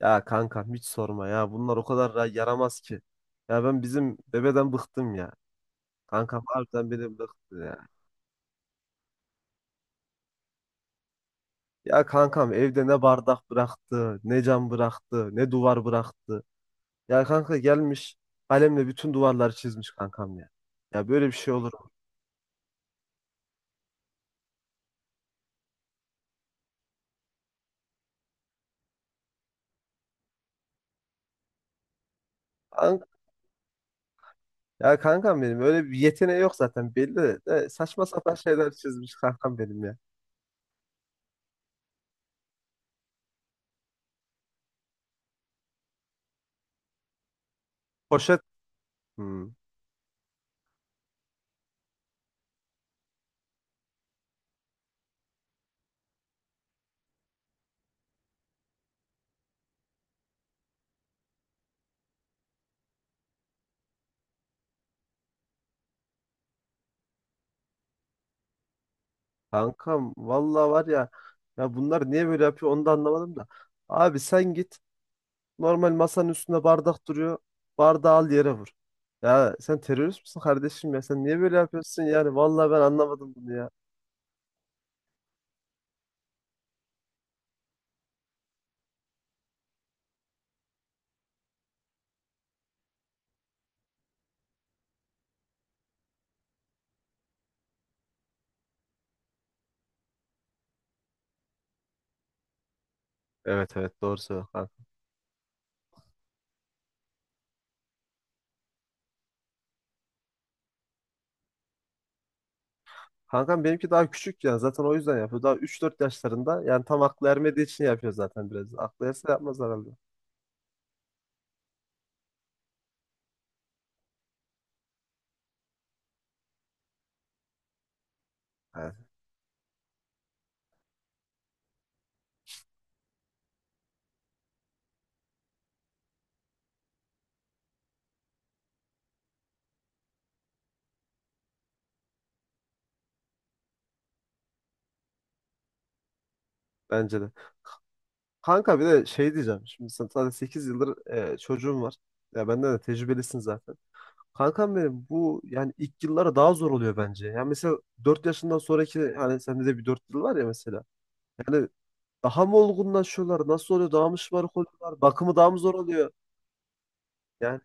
Ya kanka hiç sorma ya. Bunlar o kadar yaramaz ki. Ya ben bizim bebeden bıktım ya. Kankam harbiden beni bıktı ya. Ya kankam evde ne bardak bıraktı, ne cam bıraktı, ne duvar bıraktı. Ya kanka gelmiş kalemle bütün duvarları çizmiş kankam ya. Ya böyle bir şey olur mu? Kank- Ya kankam benim öyle bir yeteneği yok zaten belli de saçma sapan şeyler çizmiş kankam benim ya. Poşet. Hmm. Kankam valla var ya. Ya bunlar niye böyle yapıyor onu da anlamadım da. Abi sen git. Normal masanın üstünde bardak duruyor. Bardağı al yere vur. Ya sen terörist misin kardeşim ya? Sen niye böyle yapıyorsun yani? Vallahi ben anlamadım bunu ya. Evet evet, doğru söylüyorsun kanka. Kankam benimki daha küçük ya. Zaten o yüzden yapıyor. Daha üç dört yaşlarında. Yani tam aklı ermediği için yapıyor zaten biraz. Aklı erse yapmaz herhalde. Evet, bence de. Kanka bir de şey diyeceğim. Şimdi sen zaten 8 yıldır çocuğun var. Ya benden de tecrübelisin zaten. Kankam benim bu yani ilk yıllara daha zor oluyor bence. Yani mesela 4 yaşından sonraki hani sende de bir 4 yıl var ya mesela. Yani daha mı olgunlaşıyorlar? Nasıl oluyor? Daha mı şımarık oluyorlar? Bakımı daha mı zor oluyor? Yani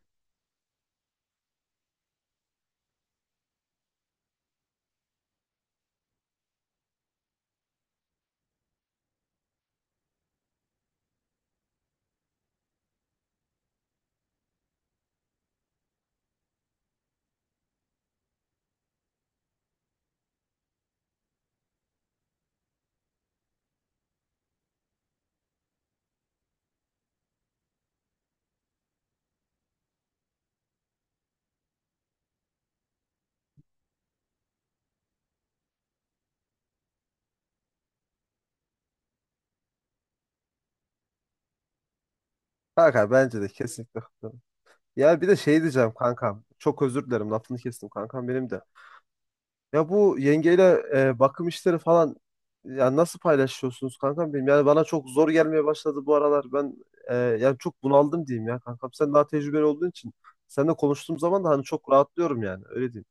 kanka bence de kesinlikle katılıyorum. Ya bir de şey diyeceğim kankam. Çok özür dilerim lafını kestim kankam benim de. Ya bu yengeyle bakım işleri falan ya nasıl paylaşıyorsunuz kankam benim? Yani bana çok zor gelmeye başladı bu aralar. Ben yani çok bunaldım diyeyim ya kankam. Sen daha tecrübeli olduğun için seninle konuştuğum zaman da hani çok rahatlıyorum yani. Öyle diyeyim.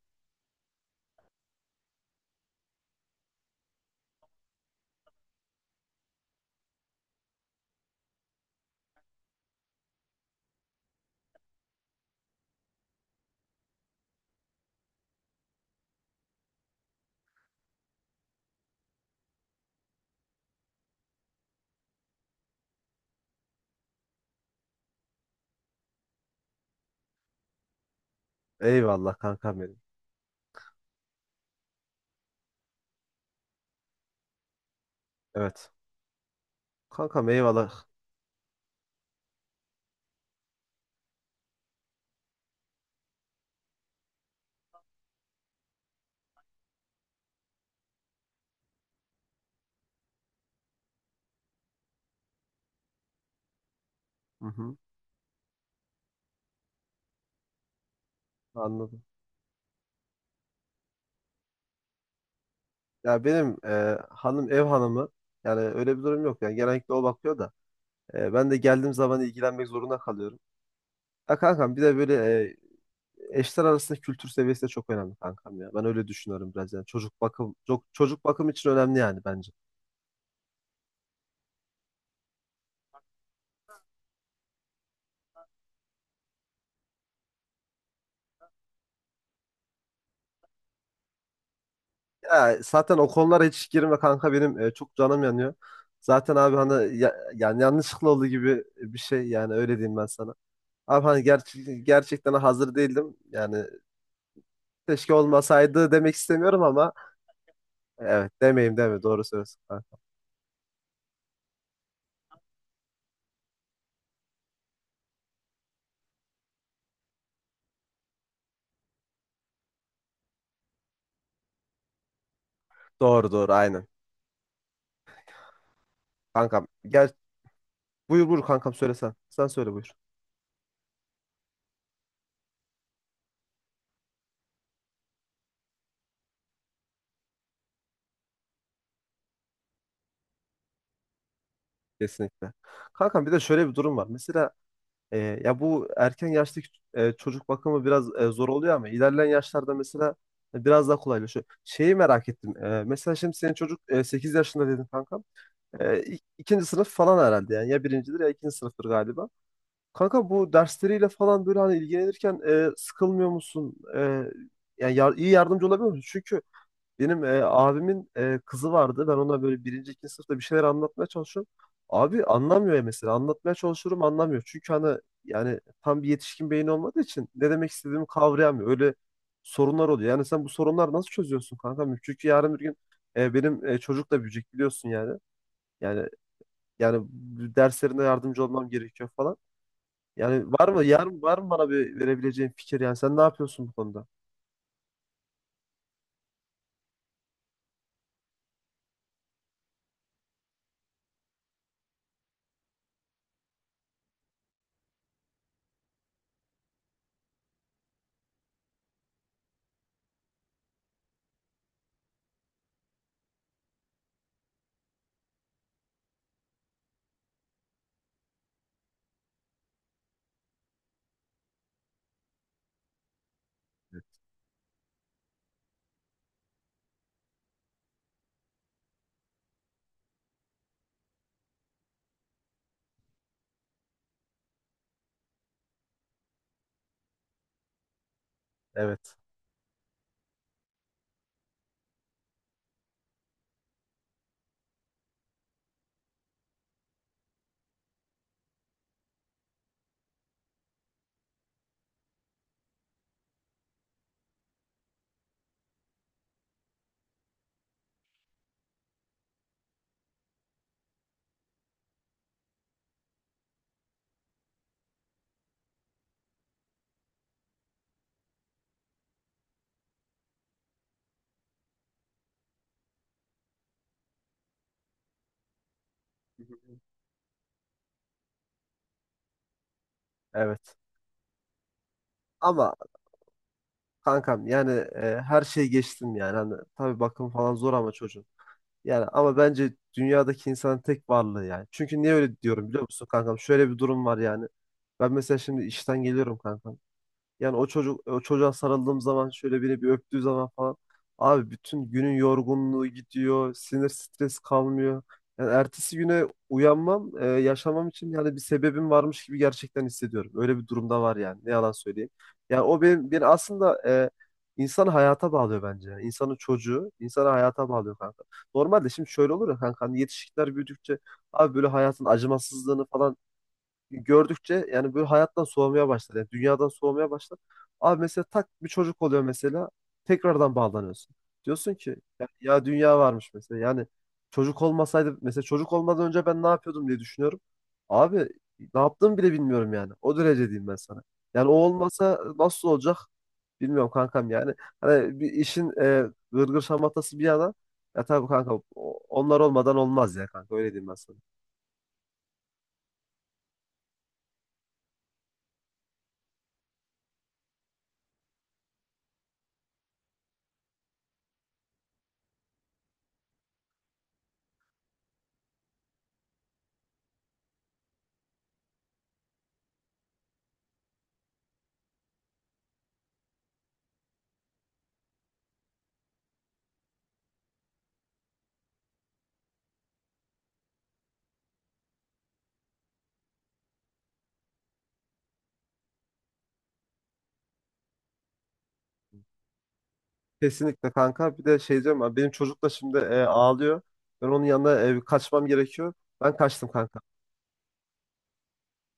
Eyvallah kankam benim. Evet. Kankam eyvallah. Hı hı, anladım. Ya benim hanım ev hanımı, yani öyle bir durum yok. Yani genellikle o bakıyor da ben de geldiğim zaman ilgilenmek zorunda kalıyorum. Ya kankam bir de böyle e, eşler arasında kültür seviyesi de çok önemli kankam ya. Ben öyle düşünüyorum biraz yani. Çocuk bakım için önemli yani bence. Ya zaten o konulara hiç girme kanka benim, çok canım yanıyor. Zaten abi hani yani yanlışlıkla olduğu gibi bir şey, yani öyle diyeyim ben sana. Abi hani gerçekten hazır değildim. Yani keşke olmasaydı demek istemiyorum ama evet, demeyeyim, doğru söylüyorsun kanka. Doğru doğru, aynen. Kankam gel, buyur kankam söylesen. Sen söyle, buyur. Kesinlikle. Kankam bir de şöyle bir durum var. Mesela, E, ya bu erken yaştaki çocuk bakımı biraz zor oluyor ama ilerleyen yaşlarda mesela biraz daha kolaylaşıyor. Şeyi merak ettim. Mesela şimdi senin çocuk 8 yaşında dedin kankam. İkinci sınıf falan herhalde yani. Ya birincidir ya ikinci sınıftır galiba. Kanka bu dersleriyle falan böyle hani ilgilenirken sıkılmıyor musun? Yani iyi yardımcı olabiliyor musun? Benim abimin kızı vardı. Ben ona böyle birinci, ikinci sınıfta bir şeyler anlatmaya çalışıyorum. Abi anlamıyor ya mesela. Anlatmaya çalışıyorum, anlamıyor. Çünkü hani yani tam bir yetişkin beyni olmadığı için ne demek istediğimi kavrayamıyor. Öyle sorunlar oluyor. Yani sen bu sorunları nasıl çözüyorsun kanka? Çünkü yarın bir gün benim çocuk da büyüyecek biliyorsun yani. Yani yani derslerinde yardımcı olmam gerekiyor falan. Yani var mı bana bir verebileceğin fikir, yani sen ne yapıyorsun bu konuda? Evet. Hı hı. Evet. Ama kankam yani her şey geçtim yani. Hani, tabii bakım falan zor ama çocuğun. Yani ama bence dünyadaki insanın tek varlığı yani. Çünkü niye öyle diyorum biliyor musun kankam? Şöyle bir durum var yani. Ben mesela şimdi işten geliyorum kankam. Yani o çocuğa sarıldığım zaman, şöyle bir öptüğü zaman falan, abi bütün günün yorgunluğu gidiyor. Sinir stres kalmıyor. Yani ertesi güne uyanmam, yaşamam için yani bir sebebim varmış gibi gerçekten hissediyorum. Öyle bir durumda var yani. Ne yalan söyleyeyim. Yani o benim, beni aslında e, insanı hayata bağlıyor bence. Yani İnsanın çocuğu insanı hayata bağlıyor kanka. Normalde şimdi şöyle olur ya kanka, hani yetişkinler büyüdükçe, abi böyle hayatın acımasızlığını falan gördükçe yani böyle hayattan soğumaya başlar. Yani dünyadan soğumaya başlar. Abi mesela tak bir çocuk oluyor mesela, tekrardan bağlanıyorsun. Diyorsun ki ya, ya dünya varmış mesela. Yani çocuk olmasaydı, mesela çocuk olmadan önce ben ne yapıyordum diye düşünüyorum. Abi ne yaptığımı bile bilmiyorum yani. O derece diyeyim ben sana. Yani o olmasa nasıl olacak bilmiyorum kankam yani. Hani bir işin gırgır şamatası bir yana, ya tabii kanka onlar olmadan olmaz ya kanka, öyle diyeyim ben sana. Kesinlikle kanka. Bir de şey diyorum, benim çocuk da şimdi ağlıyor. Ben onun yanına kaçmam gerekiyor. Ben kaçtım kanka.